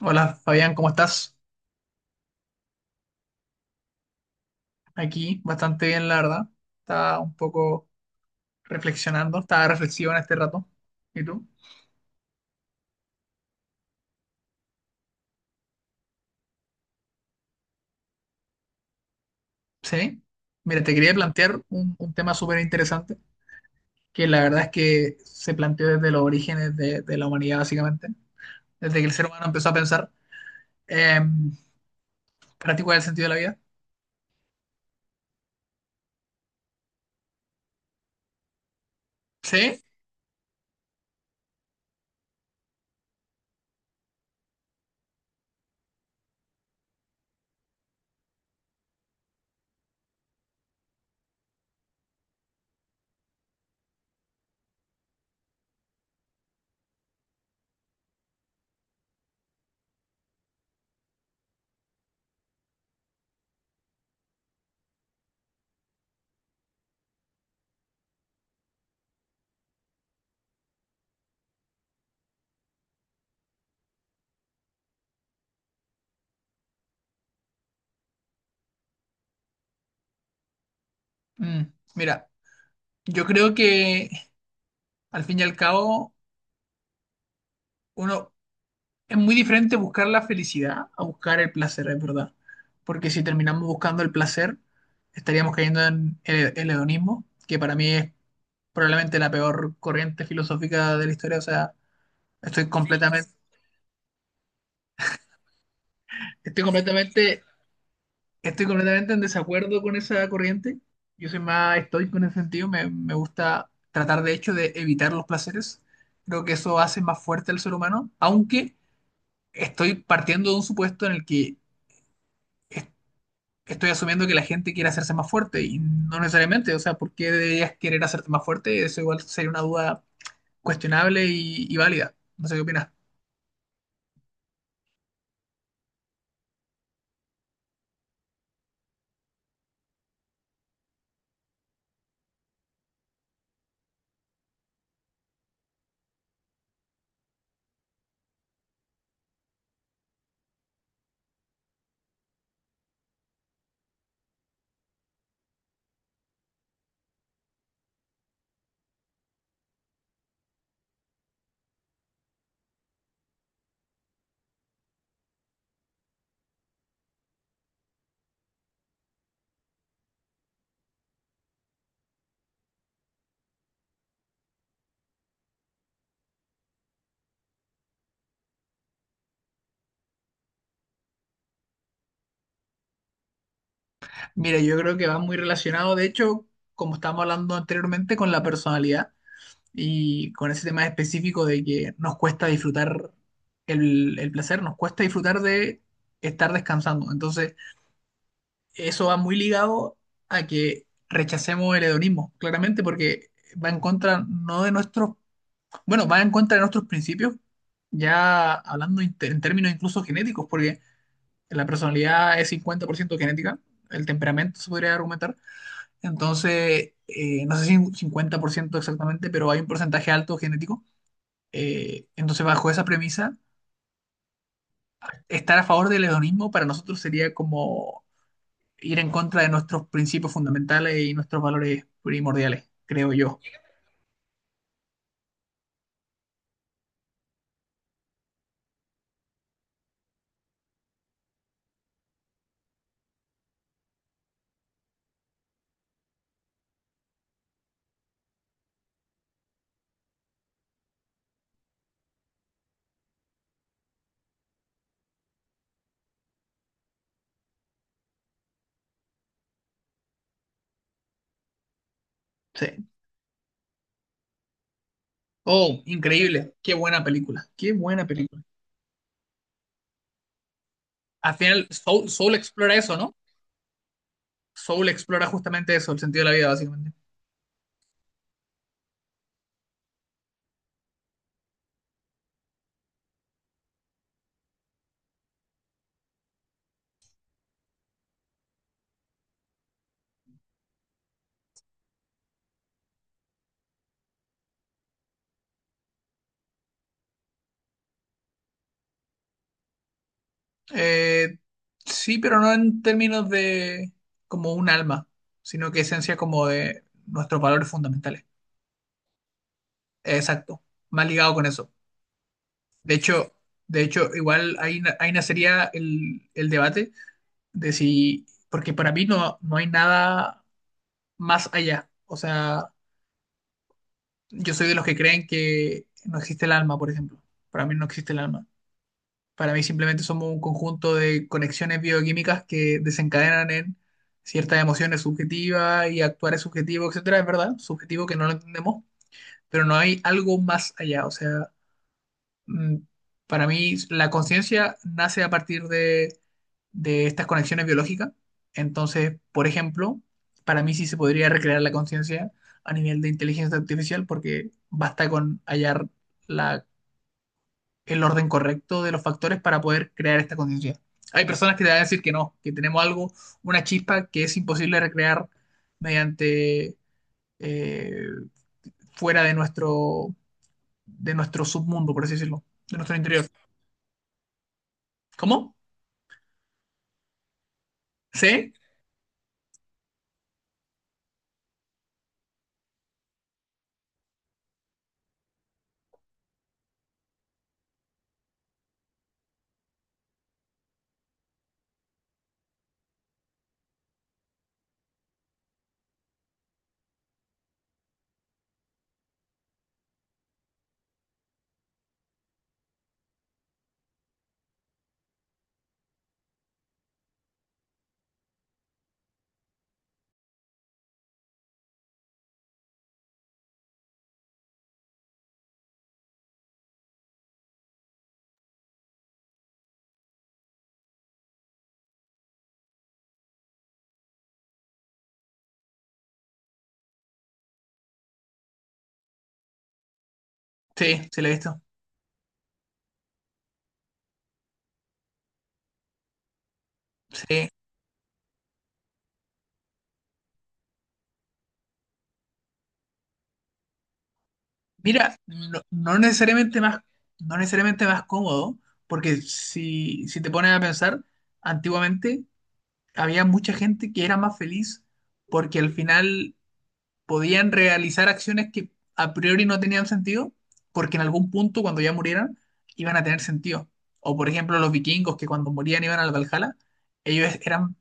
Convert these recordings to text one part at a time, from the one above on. Hola Fabián, ¿cómo estás? Aquí bastante bien, la verdad. Estaba un poco reflexionando, estaba reflexivo en este rato. ¿Y tú? Sí. Mira, te quería plantear un tema súper interesante, que la verdad es que se planteó desde los orígenes de la humanidad, básicamente, desde que el ser humano empezó a pensar. Eh, ¿Para ti cuál es el sentido de la vida? Sí. Mm, mira, yo creo que al fin y al cabo, uno, es muy diferente buscar la felicidad a buscar el placer, es verdad. Porque si terminamos buscando el placer, estaríamos cayendo en el hedonismo, que para mí es probablemente la peor corriente filosófica de la historia. O sea, estoy completamente, estoy completamente, estoy completamente en desacuerdo con esa corriente. Yo soy más estoico en ese sentido. Me gusta tratar, de hecho, de evitar los placeres. Creo que eso hace más fuerte al ser humano, aunque estoy partiendo de un supuesto en el que estoy asumiendo que la gente quiere hacerse más fuerte y no necesariamente, o sea, ¿por qué deberías querer hacerte más fuerte? Eso igual sería una duda cuestionable y válida. No sé qué opinas. Mira, yo creo que va muy relacionado, de hecho, como estábamos hablando anteriormente, con la personalidad y con ese tema específico de que nos cuesta disfrutar el placer, nos cuesta disfrutar de estar descansando. Entonces, eso va muy ligado a que rechacemos el hedonismo, claramente, porque va en contra no de nuestros. Bueno, va en contra de nuestros principios, ya hablando en términos incluso genéticos, porque la personalidad es 50% genética, el temperamento se podría argumentar, entonces, no sé si un 50% exactamente, pero hay un porcentaje alto genético, entonces bajo esa premisa, estar a favor del hedonismo para nosotros sería como ir en contra de nuestros principios fundamentales y nuestros valores primordiales, creo yo. Sí. Oh, increíble, qué buena película, qué buena película. Al final Soul explora eso, ¿no? Soul explora justamente eso, el sentido de la vida, básicamente. Eh, sí, pero no en términos de como un alma, sino que esencia como de nuestros valores fundamentales. Exacto, más ligado con eso. De hecho, igual ahí, ahí nacería el debate de si, porque para mí no hay nada más allá. O sea, yo soy de los que creen que no existe el alma, por ejemplo. Para mí no existe el alma. Para mí simplemente somos un conjunto de conexiones bioquímicas que desencadenan en ciertas emociones subjetivas y actuar es subjetivo, etcétera. Es verdad, subjetivo que no lo entendemos, pero no hay algo más allá. O sea, mm, para mí la conciencia nace a partir de estas conexiones biológicas. Entonces, por ejemplo, para mí sí se podría recrear la conciencia a nivel de inteligencia artificial porque basta con hallar la el orden correcto de los factores para poder crear esta conciencia. Hay personas que te van a decir que no, que tenemos algo, una chispa que es imposible recrear mediante eh, fuera de nuestro submundo, por así decirlo, de nuestro interior. ¿Cómo? ¿Sí? Sí, se le he visto. Sí. Mira, no necesariamente más cómodo, porque si te pones a pensar, antiguamente había mucha gente que era más feliz porque al final podían realizar acciones que a priori no tenían sentido, porque en algún punto, cuando ya murieran, iban a tener sentido. O por ejemplo, los vikingos que cuando morían iban al Valhalla, ellos eran,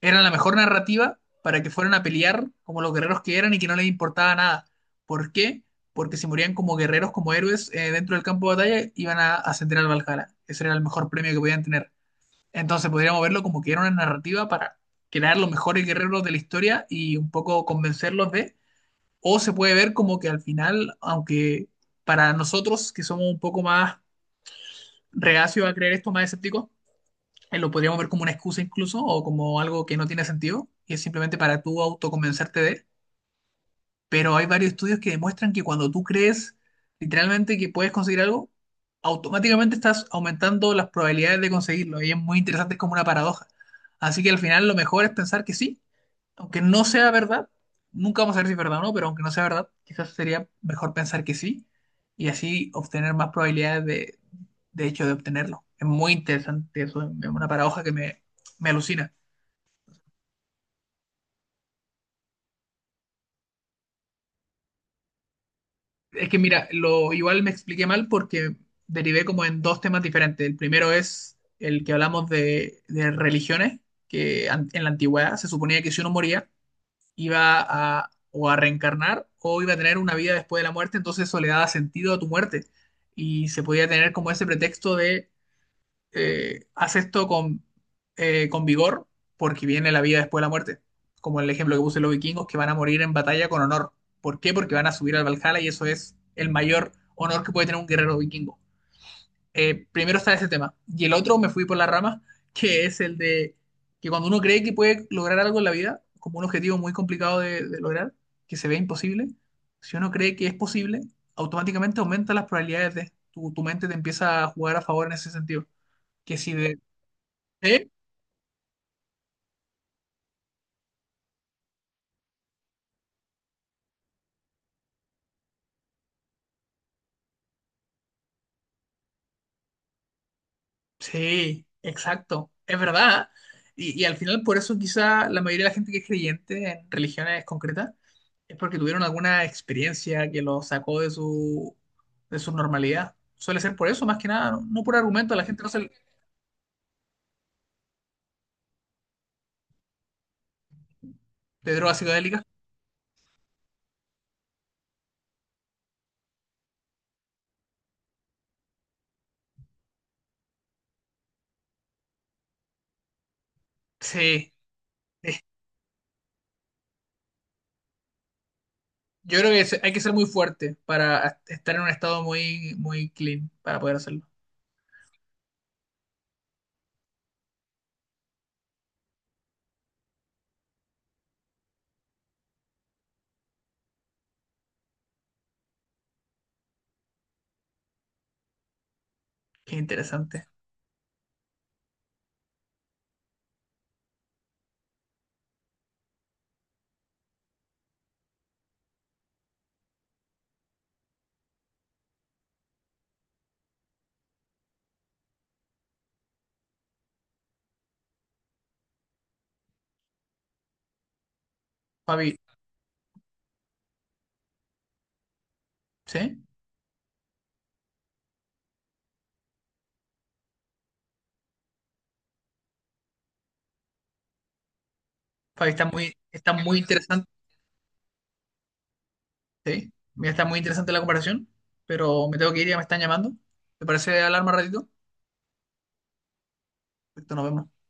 eran la mejor narrativa para que fueran a pelear como los guerreros que eran y que no les importaba nada. ¿Por qué? Porque si morían como guerreros, como héroes dentro del campo de batalla, iban a ascender al Valhalla. Ese era el mejor premio que podían tener. Entonces podríamos verlo como que era una narrativa para crear los mejores guerreros de la historia y un poco convencerlos de o se puede ver como que al final, aunque para nosotros que somos un poco más reacios a creer esto, más escépticos, lo podríamos ver como una excusa incluso o como algo que no tiene sentido y es simplemente para tú autoconvencerte de. Pero hay varios estudios que demuestran que cuando tú crees literalmente que puedes conseguir algo, automáticamente estás aumentando las probabilidades de conseguirlo y es muy interesante, es como una paradoja. Así que al final lo mejor es pensar que sí, aunque no sea verdad, nunca vamos a ver si es verdad o no, pero aunque no sea verdad, quizás sería mejor pensar que sí y así obtener más probabilidades de hecho de obtenerlo. Es muy interesante eso, es una paradoja que me alucina. Es que mira, lo igual me expliqué mal porque derivé como en dos temas diferentes. El primero es el que hablamos de religiones, que en la antigüedad se suponía que si uno moría, iba a o a reencarnar o iba a tener una vida después de la muerte, entonces eso le daba sentido a tu muerte y se podía tener como ese pretexto de haz esto con vigor porque viene la vida después de la muerte, como el ejemplo que puse los vikingos que van a morir en batalla con honor. ¿Por qué? Porque van a subir al Valhalla y eso es el mayor honor que puede tener un guerrero vikingo primero está ese tema. Y el otro me fui por la rama, que es el de que cuando uno cree que puede lograr algo en la vida, como un objetivo muy complicado de lograr, que se ve imposible, si uno cree que es posible, automáticamente aumenta las probabilidades de... Tu mente te empieza a jugar a favor en ese sentido. Que si de... ¿eh? Sí, exacto, es verdad. Y al final por eso quizá la mayoría de la gente que es creyente en religiones concretas es porque tuvieron alguna experiencia que los sacó de su normalidad. Suele ser por eso, más que nada, no. No por argumento, la gente no se... de drogas psicodélicas. Sí, eh, yo creo que hay que ser muy fuerte para estar en un estado muy, muy clean para poder hacerlo. Qué interesante. Fabi, ¿sí? Fabi, está muy interesante. Sí, mira, está muy interesante la comparación, pero me tengo que ir, ya me están llamando. ¿Te parece hablar más ratito? Perfecto, nos vemos.